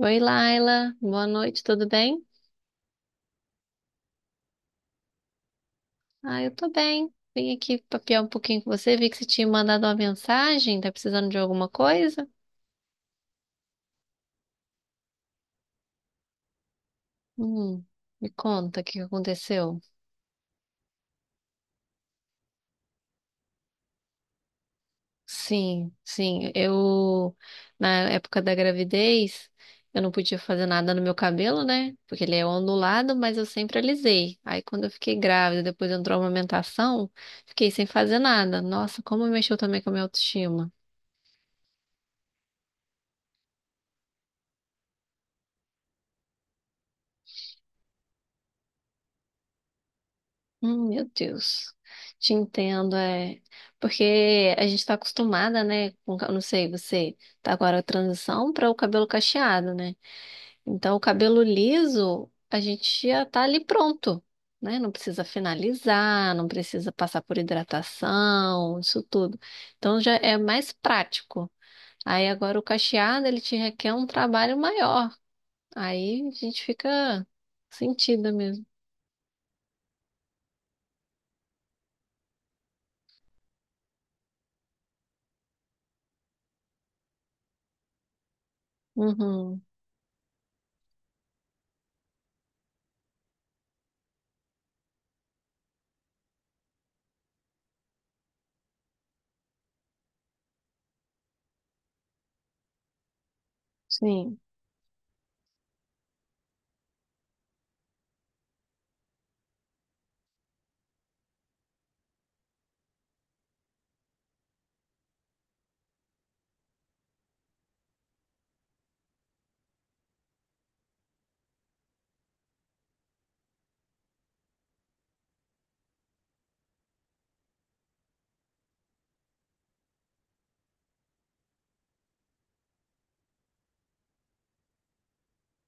Oi, Laila. Boa noite, tudo bem? Ah, eu tô bem. Vim aqui papiar um pouquinho com você. Vi que você tinha mandado uma mensagem. Tá precisando de alguma coisa? Hum, me conta o que que aconteceu. Sim, sim. Eu, na época da gravidez, eu não podia fazer nada no meu cabelo, né? Porque ele é ondulado, mas eu sempre alisei. Aí, quando eu fiquei grávida, depois entrou a amamentação, fiquei sem fazer nada. Nossa, como mexeu também com a minha autoestima. Meu Deus, te entendo, é. Porque a gente tá acostumada, né? Não sei, você tá agora a transição para o cabelo cacheado, né? Então, o cabelo liso, a gente já tá ali pronto, né? Não precisa finalizar, não precisa passar por hidratação, isso tudo. Então, já é mais prático. Aí, agora, o cacheado, ele te requer um trabalho maior. Aí, a gente fica sentida mesmo. Uhum, sim,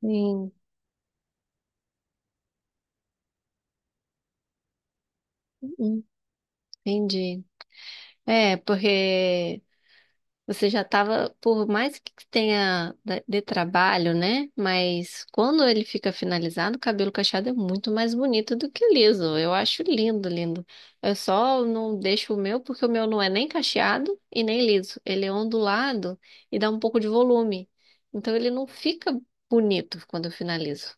sim. Uhum. Entendi. É, porque. Você já estava, por mais que tenha de trabalho, né? Mas quando ele fica finalizado, o cabelo cacheado é muito mais bonito do que o liso. Eu acho lindo, lindo. Eu só não deixo o meu porque o meu não é nem cacheado e nem liso. Ele é ondulado e dá um pouco de volume. Então ele não fica bonito quando eu finalizo.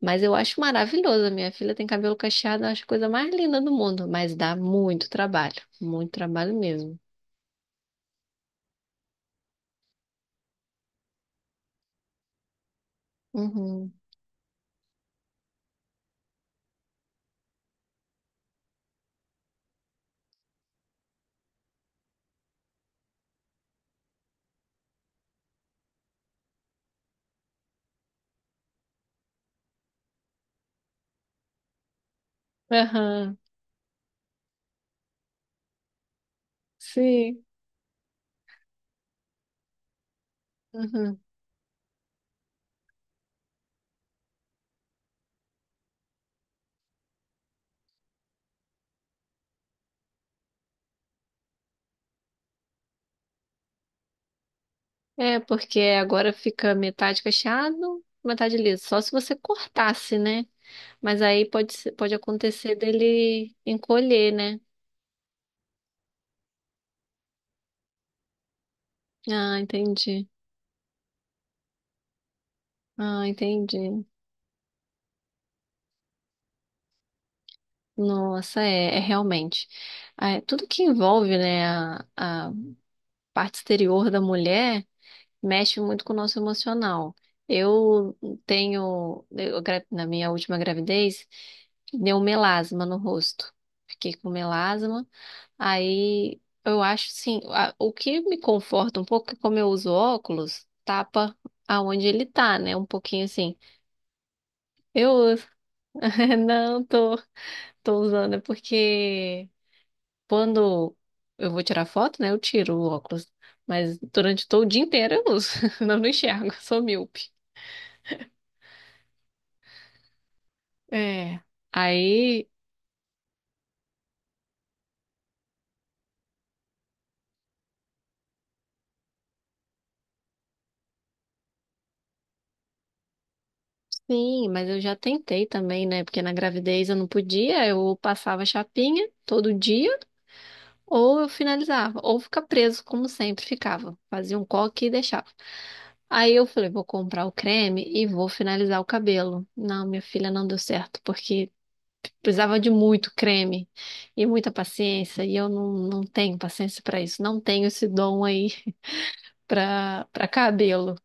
Mas eu acho maravilhoso. A minha filha tem cabelo cacheado, eu acho a coisa mais linda do mundo. Mas dá muito trabalho mesmo. Uhum. Aham. Sim. Uhum. É, porque agora fica metade cacheado, metade liso. Só se você cortasse, né? Mas aí pode, pode acontecer dele encolher, né? Ah, entendi. Ah, entendi. Nossa, é, é realmente. É, tudo que envolve, né, a parte exterior da mulher mexe muito com o nosso emocional. Eu tenho, na minha última gravidez, deu melasma no rosto. Fiquei com melasma. Aí eu acho sim, o que me conforta um pouco é que como eu uso óculos, tapa aonde ele tá, né? Um pouquinho assim. Eu uso. Não tô, tô usando, é porque quando eu vou tirar foto, né? Eu tiro o óculos. Mas durante todo o dia inteiro eu uso. Não, não enxergo, sou míope. É. Aí, sim, mas eu já tentei também, né? Porque na gravidez eu não podia, eu passava chapinha todo dia. Ou eu finalizava, ou ficar preso, como sempre ficava. Fazia um coque e deixava. Aí eu falei, vou comprar o creme e vou finalizar o cabelo. Não, minha filha, não deu certo, porque precisava de muito creme e muita paciência, e eu não, não tenho paciência para isso. Não tenho esse dom aí para cabelo.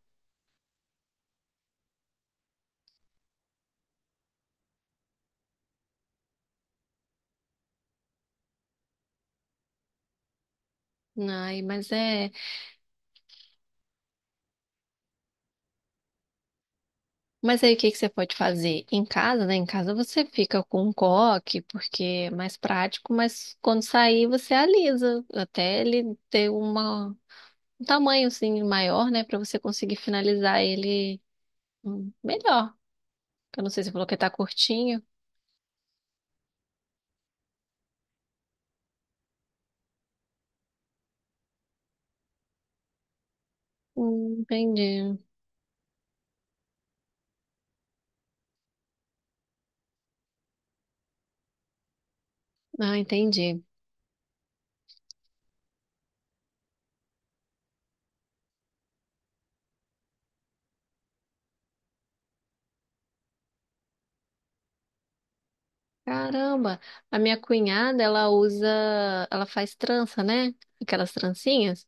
Ai, mas é. Mas aí o que que você pode fazer? Em casa, né? Em casa você fica com um coque, porque é mais prático, mas quando sair você alisa, até ele ter uma um tamanho assim maior, né, pra você conseguir finalizar ele melhor. Eu não sei se você falou que tá curtinho. Entendi. Ah, entendi. Caramba, a minha cunhada, ela usa, ela faz trança, né? Aquelas trancinhas.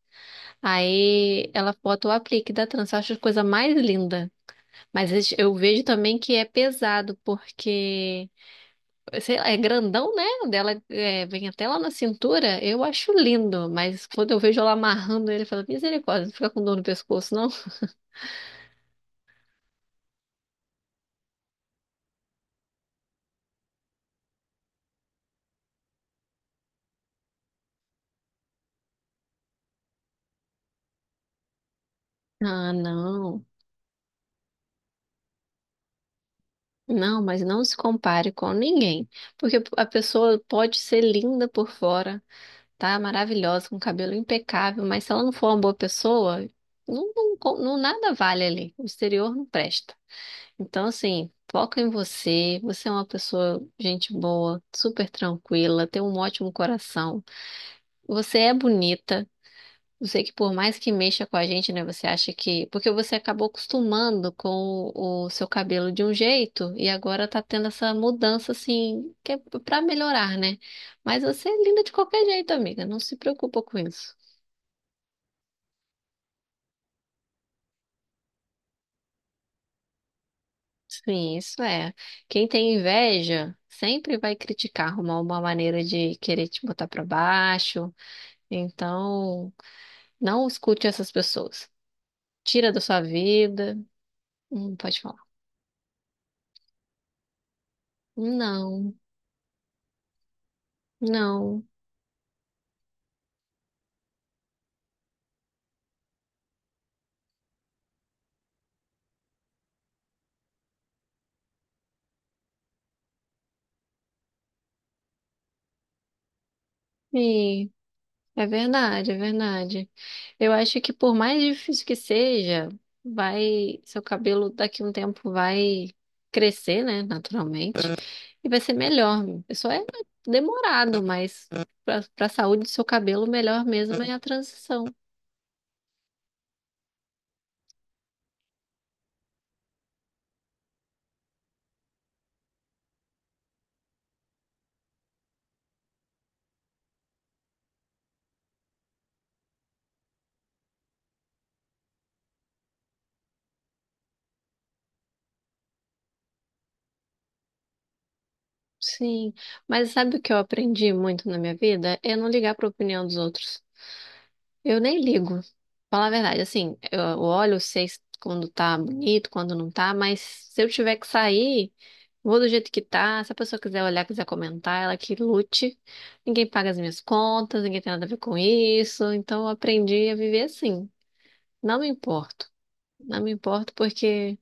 Aí ela bota o aplique da trança. Eu acho a coisa mais linda. Mas eu vejo também que é pesado, porque sei lá, é grandão, né? O dela é, vem até lá na cintura. Eu acho lindo, mas quando eu vejo ela amarrando ele, eu falo, misericórdia, não fica com dor no pescoço, não? Ah, não. Não, mas não se compare com ninguém, porque a pessoa pode ser linda por fora, tá? Maravilhosa, com cabelo impecável, mas se ela não for uma boa pessoa, não, não, nada vale ali. O exterior não presta. Então, assim, foca em você. Você é uma pessoa, gente boa, super tranquila, tem um ótimo coração. Você é bonita. Eu sei que por mais que mexa com a gente, né? Você acha que. Porque você acabou acostumando com o seu cabelo de um jeito e agora tá tendo essa mudança, assim, que é pra melhorar, né? Mas você é linda de qualquer jeito, amiga. Não se preocupa com isso. Sim, isso é. Quem tem inveja sempre vai criticar, arrumar uma maneira de querer te botar pra baixo. Então, não escute essas pessoas. Tira da sua vida. Pode falar. Não. Não, e é verdade, é verdade. Eu acho que por mais difícil que seja, vai, seu cabelo daqui a um tempo vai crescer, né, naturalmente, e vai ser melhor. Isso é demorado, mas para a saúde do seu cabelo, melhor mesmo é a transição. Sim, mas sabe o que eu aprendi muito na minha vida? É não ligar para a opinião dos outros. Eu nem ligo. Falar a verdade, assim, eu olho, sei quando tá bonito, quando não tá, mas se eu tiver que sair, vou do jeito que tá. Se a pessoa quiser olhar, quiser comentar, ela que lute. Ninguém paga as minhas contas, ninguém tem nada a ver com isso. Então eu aprendi a viver assim. Não me importo. Não me importo porque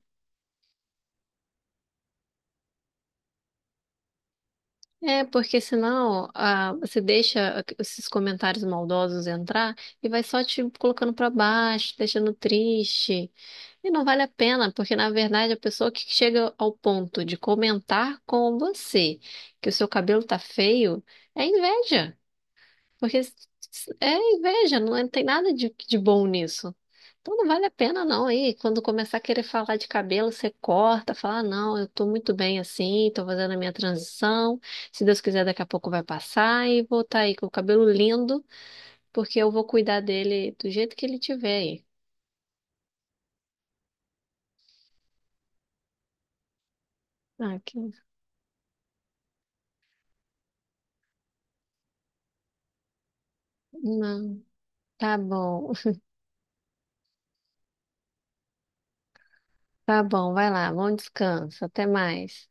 é, porque senão ah, você deixa esses comentários maldosos entrar e vai só te colocando pra baixo, deixando triste. E não vale a pena, porque na verdade a pessoa que chega ao ponto de comentar com você que o seu cabelo tá feio é inveja. Porque é inveja, não tem nada de, de bom nisso. Então não vale a pena não. Aí, quando começar a querer falar de cabelo, você corta, fala, "Ah, não, eu tô muito bem assim, tô fazendo a minha transição. Se Deus quiser, daqui a pouco vai passar e vou estar aí com o cabelo lindo, porque eu vou cuidar dele do jeito que ele tiver aí." Ah, que... Não, tá bom, tá bom, vai lá, bom descanso, até mais.